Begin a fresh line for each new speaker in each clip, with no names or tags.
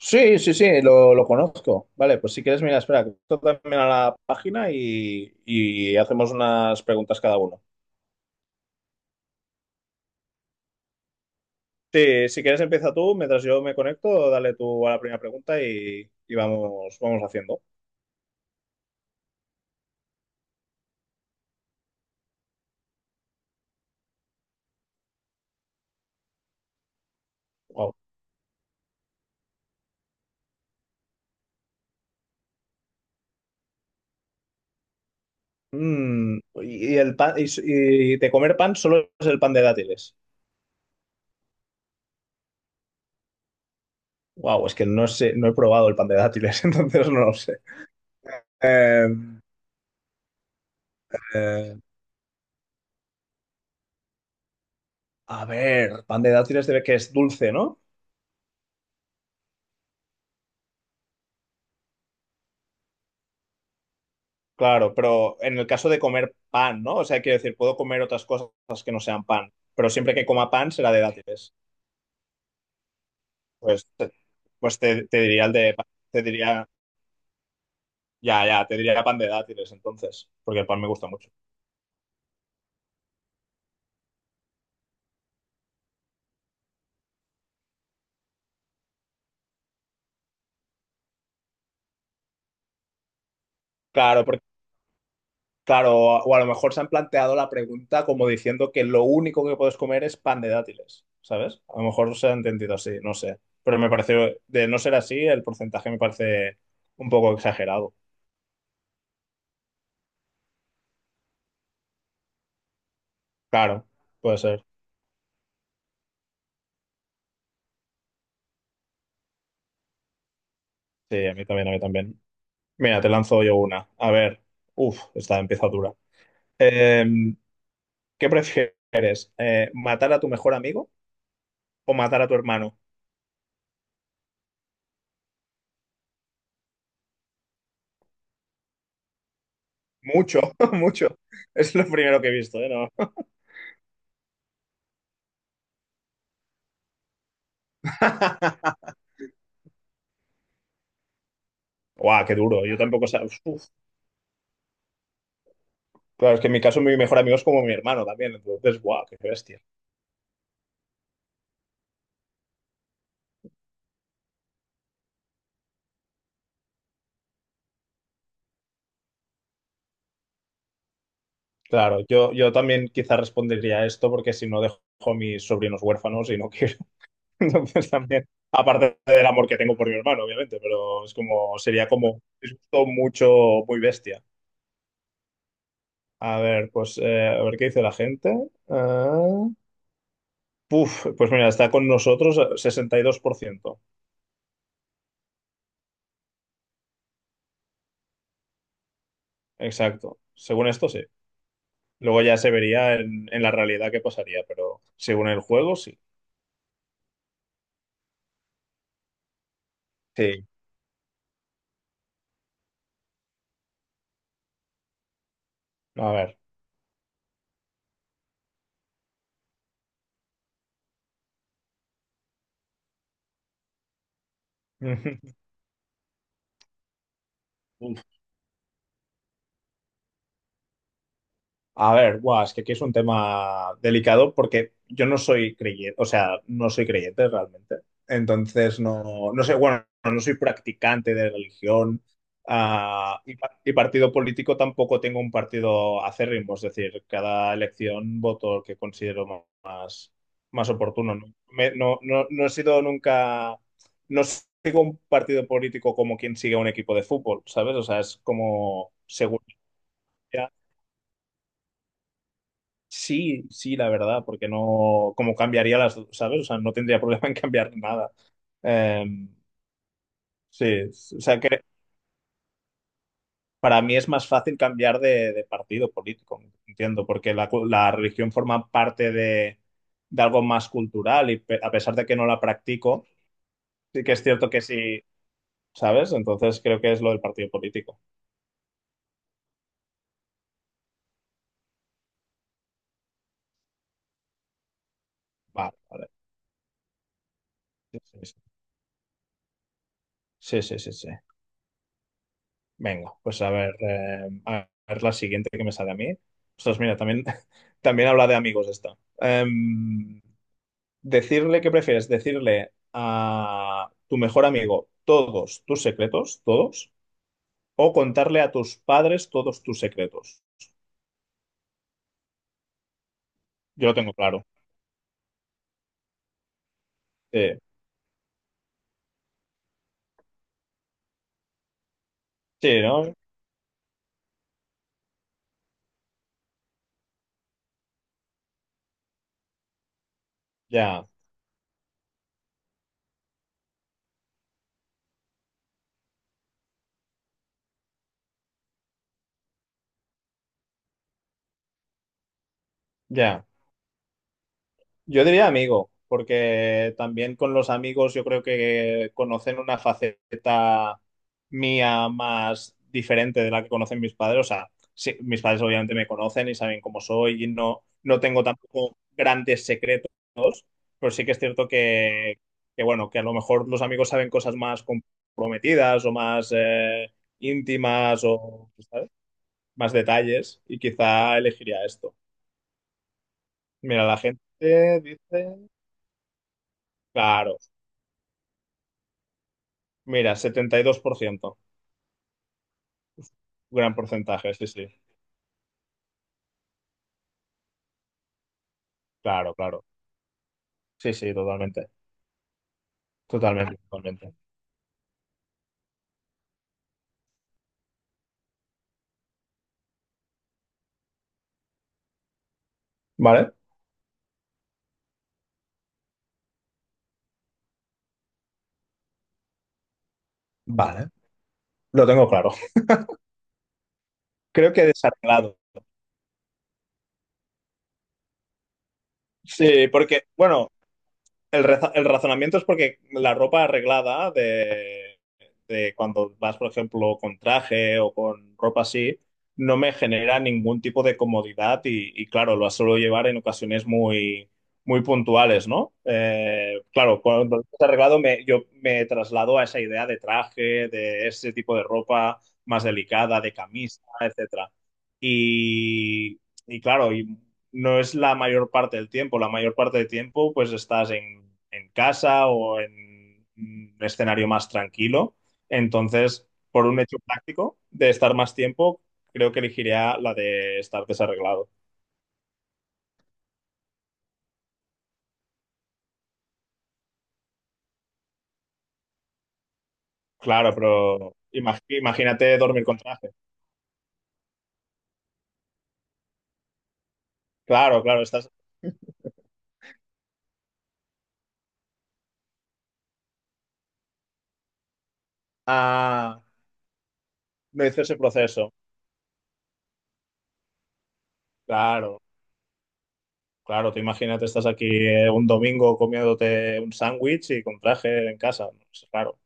Sí, sí, sí, lo conozco. Vale, pues si quieres, mira, espera, que esto también a la página y hacemos unas preguntas cada uno. Sí, si quieres, empieza tú, mientras yo me conecto, dale tú a la primera pregunta y vamos haciendo. Wow. Y el pan, y de comer pan solo es el pan de dátiles. Wow, es que no sé, no he probado el pan de dátiles, entonces no lo sé. Eh, eh, a ver, pan de dátiles debe que es dulce, ¿no? Claro, pero en el caso de comer pan, ¿no? O sea, quiero decir, puedo comer otras cosas que no sean pan, pero siempre que coma pan será de dátiles. Pues, te- pues te diría el de, te diría, ya, ya, te diría pan de dátiles entonces, porque el pan me gusta mucho. Claro, porque, claro, o a lo mejor se han planteado la pregunta como diciendo que lo único que puedes comer es pan de dátiles, ¿sabes? A lo mejor se ha entendido así, no sé. Pero me pareció, de no ser así, el porcentaje me parece un poco exagerado. Claro, puede ser. Sí, a mí también, a mí también. Mira, te lanzo yo una. A ver, uf, esta empieza dura. Eh, ¿Qué prefieres? ¿Matar a tu mejor amigo o matar a tu hermano? Mucho, mucho. Es lo primero que he visto, ¿eh? No. Guau, qué duro. Yo tampoco. Uf. Claro, es que en mi caso mi mejor amigo es como mi hermano también. Entonces, guau, qué bestia. Claro, yo también quizás respondería a esto porque si no dejo a mis sobrinos huérfanos y no Entonces también, aparte del amor que tengo por mi hermano, obviamente, pero es como, sería como, es justo mucho, muy bestia. A ver, pues, a ver qué dice la gente. Ah, puf, pues mira, está con nosotros 62%. Exacto. Según esto, sí. Luego ya se vería en, la realidad qué pasaría, pero según el juego, sí. Sí. A ver. A ver, guau, es que aquí es un tema delicado porque yo no soy creyente, o sea, no soy creyente realmente. Entonces, no, no sé, bueno, no soy practicante de religión. Y partido político tampoco tengo un partido acérrimo, es decir, cada elección voto el que considero más oportuno, ¿no? No, no, no he sido nunca, no sigo un partido político como quien sigue a un equipo de fútbol, ¿sabes? O sea, es como seguridad. Sí, sí, la verdad, porque no, como cambiaría las, dos, ¿sabes? O sea, no tendría problema en cambiar nada. Eh, sí, o sea que para mí es más fácil cambiar de, partido político, entiendo, porque la, la religión forma parte de algo más cultural y a pesar de que no la practico, sí que es cierto que sí, ¿sabes? Entonces creo que es lo del partido político. Vale, vale. Sí, sí, sí, sí, sí, sí, sí. Venga, pues a ver la siguiente que me sale a mí. Ostras, mira, también, también habla de amigos esta. Decirle qué prefieres, decirle a tu mejor amigo todos tus secretos, todos, o contarle a tus padres todos tus secretos. Yo lo tengo claro. Sí, sí, ¿no? Ya, ya. Yo diría amigo, porque también con los amigos yo creo que conocen una faceta mía más diferente de la que conocen mis padres. O sea, sí, mis padres obviamente me conocen y saben cómo soy y no, no tengo tampoco grandes secretos, pero sí que es cierto que, bueno, que a lo mejor los amigos saben cosas más comprometidas o más íntimas o, ¿sabes? Más detalles y quizá elegiría esto. Mira, la gente dice, claro. Mira, 72%, gran porcentaje, sí, sí, claro, claro, sí, sí, totalmente, totalmente, totalmente. Vale, vale, lo tengo claro. Creo que he desarreglado. Sí, porque, bueno, el razonamiento es porque la ropa arreglada de, cuando vas, por ejemplo, con traje o con ropa así, no me genera ningún tipo de comodidad claro, lo suelo llevar en ocasiones muy, muy puntuales, ¿no? Claro, cuando lo arreglado me, yo me traslado a esa idea de traje, de ese tipo de ropa más delicada, de camisa, etcétera. Y, y claro, y no es la mayor parte del tiempo. La mayor parte del tiempo, pues estás en casa o en un escenario más tranquilo. Entonces, por un hecho práctico de estar más tiempo, creo que elegiría la de estar desarreglado. Claro, pero imagínate dormir con traje. Claro, claro, estás. Ah, no hice ese proceso. Claro, claro, tú imagínate, estás aquí un domingo comiéndote un sándwich y con traje en casa. Pues, claro,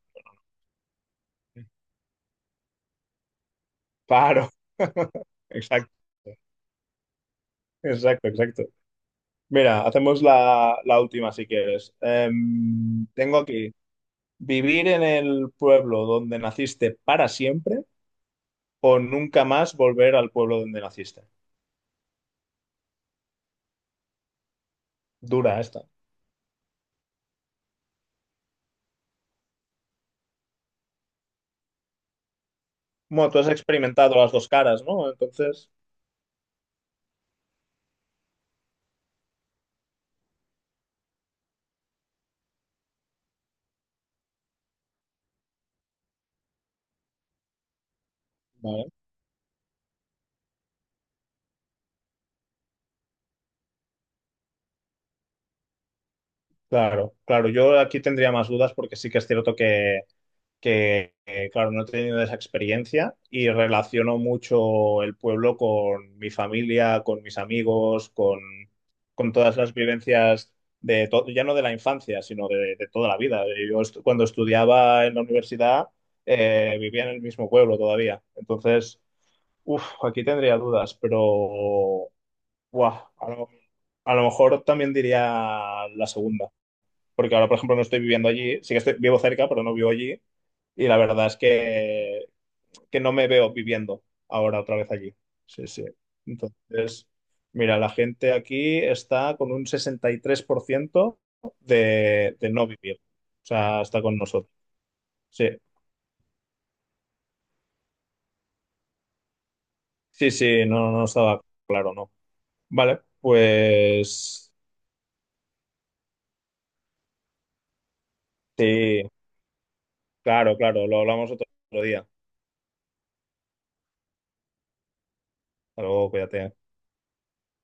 claro, exacto. Exacto, exacto. Mira, hacemos la, la última si quieres. Tengo aquí, ¿vivir en el pueblo donde naciste para siempre o nunca más volver al pueblo donde naciste? Dura esta. Bueno, tú has experimentado las dos caras, ¿no? Entonces, vale. Claro, claro, yo aquí tendría más dudas porque sí que es cierto claro, no he tenido esa experiencia y relaciono mucho el pueblo con mi familia, con mis amigos, con, todas las vivencias de todo, ya no de la infancia, sino de toda la vida. Cuando estudiaba en la universidad vivía en el mismo pueblo todavía. Entonces, uff, aquí tendría dudas, pero buah, a lo mejor también diría la segunda. Porque ahora, por ejemplo, no estoy viviendo allí. Sí que estoy, vivo cerca, pero no vivo allí. Y la verdad es que, no me veo viviendo ahora otra vez allí. Sí, sí. Entonces, mira, la gente aquí está con un 63% de no vivir. O sea, está con nosotros. Sí, sí, sí, no, no estaba claro, no. Vale, pues sí, claro, claro, lo hablamos otro día. Hasta luego, cuídate.